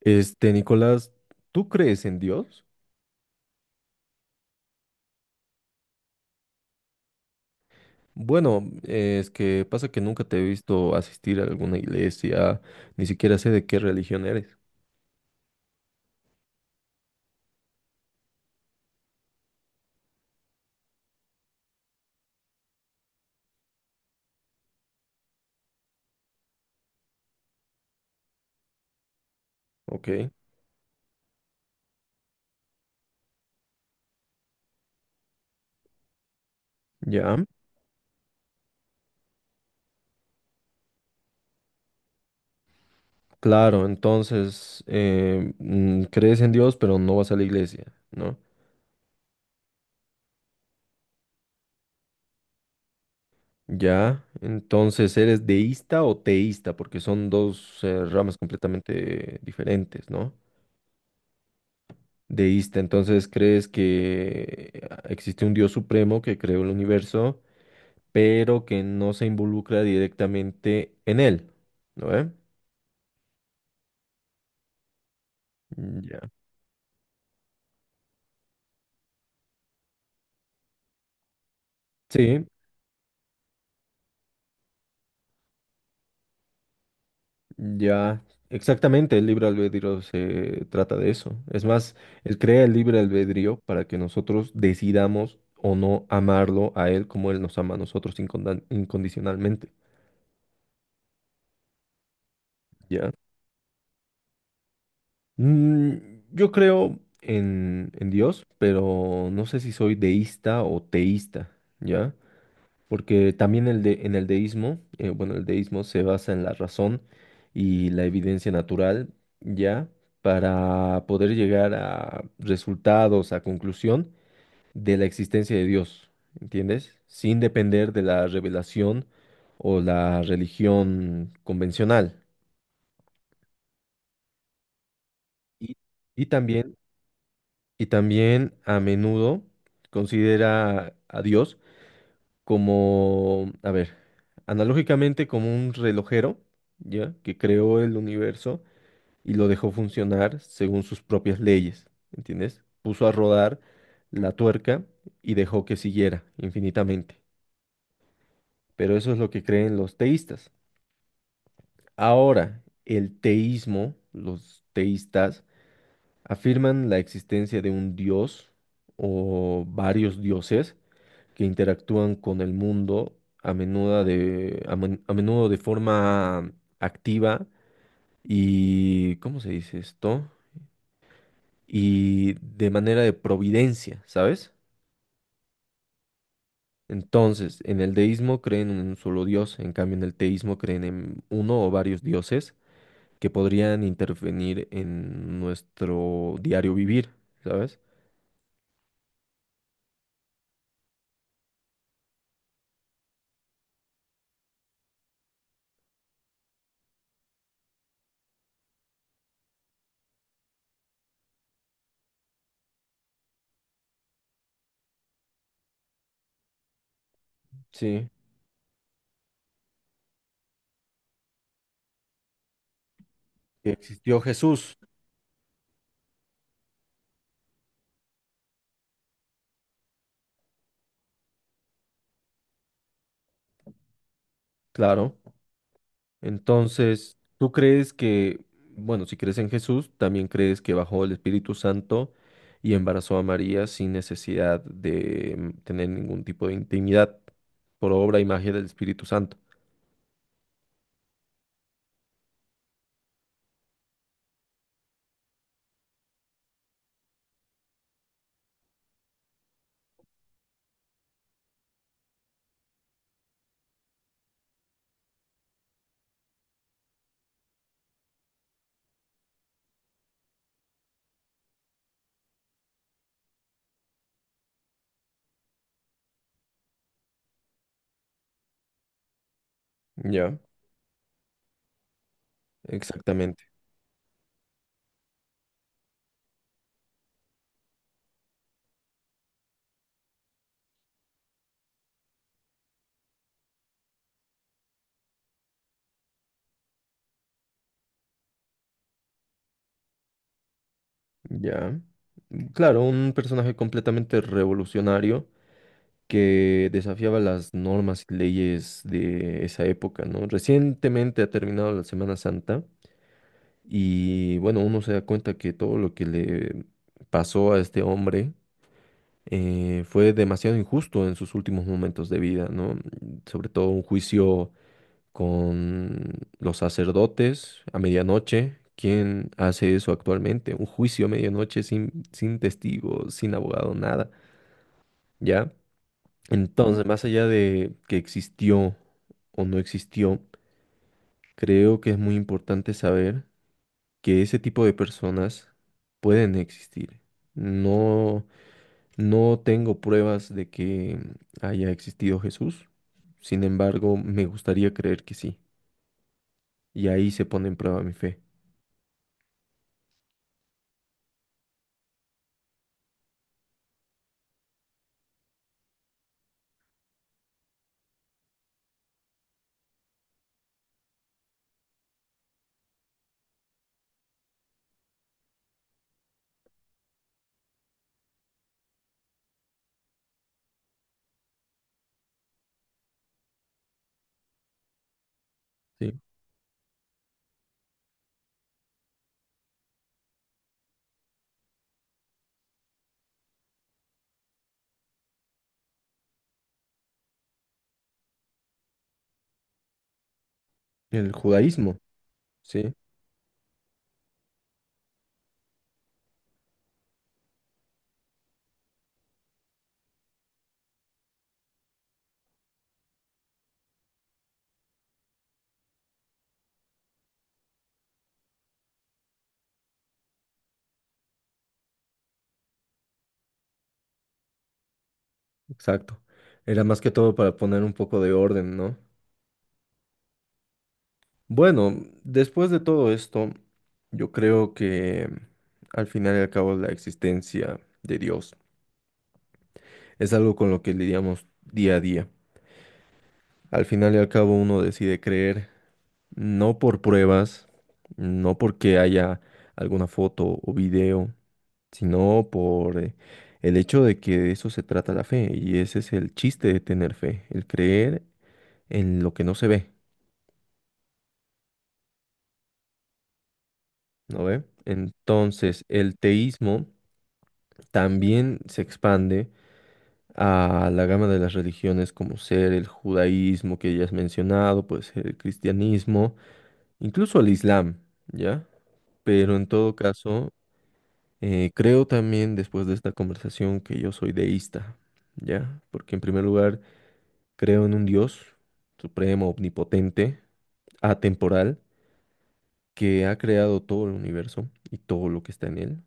Nicolás, ¿tú crees en Dios? Bueno, es que pasa que nunca te he visto asistir a alguna iglesia, ni siquiera sé de qué religión eres. Ok, ya. Claro, entonces, crees en Dios, pero no vas a la iglesia, ¿no? Ya, entonces, ¿eres deísta o teísta? Porque son dos, ramas completamente diferentes, ¿no? Deísta, entonces, ¿crees que existe un Dios supremo que creó el universo? Pero que no se involucra directamente en él, ¿no ve? Ya. Sí, ya, exactamente, el libre albedrío se trata de eso. Es más, él crea el libre albedrío para que nosotros decidamos o no amarlo a él como él nos ama a nosotros incondicionalmente, ¿ya? Mm, yo creo en Dios, pero no sé si soy deísta o teísta, ¿ya? Porque también en el deísmo, bueno, el deísmo se basa en la razón y la evidencia natural, ya, para poder llegar a resultados, a conclusión de la existencia de Dios, ¿entiendes? Sin depender de la revelación o la religión convencional. Y, y también, y también a menudo considera a Dios como, a ver, analógicamente como un relojero, ¿ya? Que creó el universo y lo dejó funcionar según sus propias leyes, ¿entiendes? Puso a rodar la tuerca y dejó que siguiera infinitamente. Pero eso es lo que creen los teístas. Ahora, el teísmo, los teístas afirman la existencia de un dios o varios dioses que interactúan con el mundo a menudo de forma activa y, ¿cómo se dice esto? Y de manera de providencia, ¿sabes? Entonces, en el deísmo creen en un solo dios, en cambio en el teísmo creen en uno o varios dioses que podrían intervenir en nuestro diario vivir, ¿sabes? Sí, que existió Jesús, claro. Entonces, ¿tú crees que, bueno, si crees en Jesús, también crees que bajó el Espíritu Santo y embarazó a María sin necesidad de tener ningún tipo de intimidad por obra y magia del Espíritu Santo? Ya, exactamente. Ya. Mm, claro, un personaje completamente revolucionario que desafiaba las normas y leyes de esa época, ¿no? Recientemente ha terminado la Semana Santa. Y bueno, uno se da cuenta que todo lo que le pasó a este hombre fue demasiado injusto en sus últimos momentos de vida, ¿no? Sobre todo un juicio con los sacerdotes a medianoche. ¿Quién hace eso actualmente? Un juicio a medianoche sin, sin testigo, sin abogado, nada, ¿ya? Entonces, más allá de que existió o no existió, creo que es muy importante saber que ese tipo de personas pueden existir. No, no tengo pruebas de que haya existido Jesús. Sin embargo, me gustaría creer que sí. Y ahí se pone en prueba mi fe. Sí. El judaísmo. Sí, exacto. Era más que todo para poner un poco de orden, ¿no? Bueno, después de todo esto, yo creo que al final y al cabo la existencia de Dios es algo con lo que lidiamos día a día. Al final y al cabo uno decide creer, no por pruebas, no porque haya alguna foto o video, sino por el hecho de que de eso se trata la fe. Y ese es el chiste de tener fe, el creer en lo que no se ve, ¿no ve? Entonces, el teísmo también se expande a la gama de las religiones como ser el judaísmo que ya has mencionado, puede ser el cristianismo, incluso el islam, ¿ya? Pero en todo caso, creo también después de esta conversación que yo soy deísta, ¿ya? Porque en primer lugar creo en un Dios supremo, omnipotente, atemporal, que ha creado todo el universo y todo lo que está en él,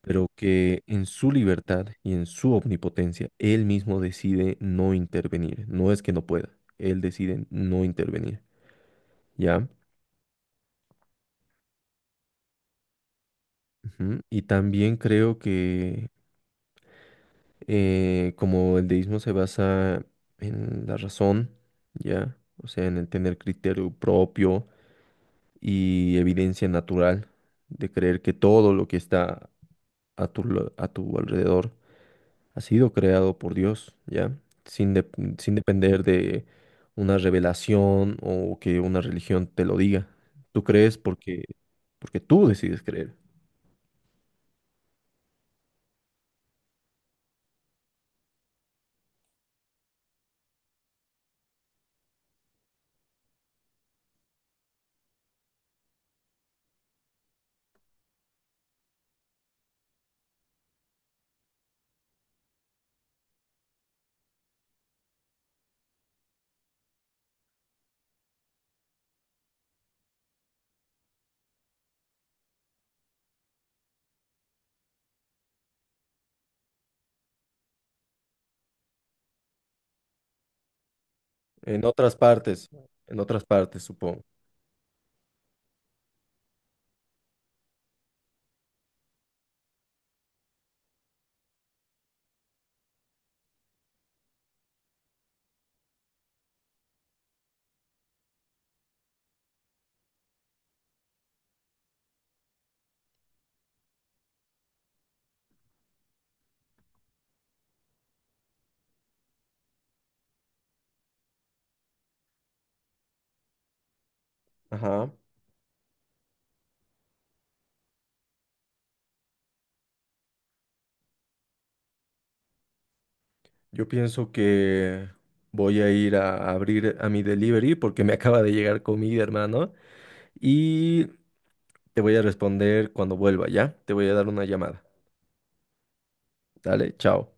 pero que en su libertad y en su omnipotencia, él mismo decide no intervenir. No es que no pueda, él decide no intervenir, ¿ya? Ujú. Y también creo, como el deísmo se basa en la razón, ¿ya? O sea, en el tener criterio propio y evidencia natural de creer que todo lo que está a tu alrededor ha sido creado por Dios, ¿ya? Sin depender de una revelación o que una religión te lo diga. Tú crees porque, tú decides creer. En otras partes, en otras partes, supongo. Ajá. Yo pienso que voy a ir a abrir a mi delivery porque me acaba de llegar comida, hermano. Y te voy a responder cuando vuelva, ¿ya? Te voy a dar una llamada. Dale, chao.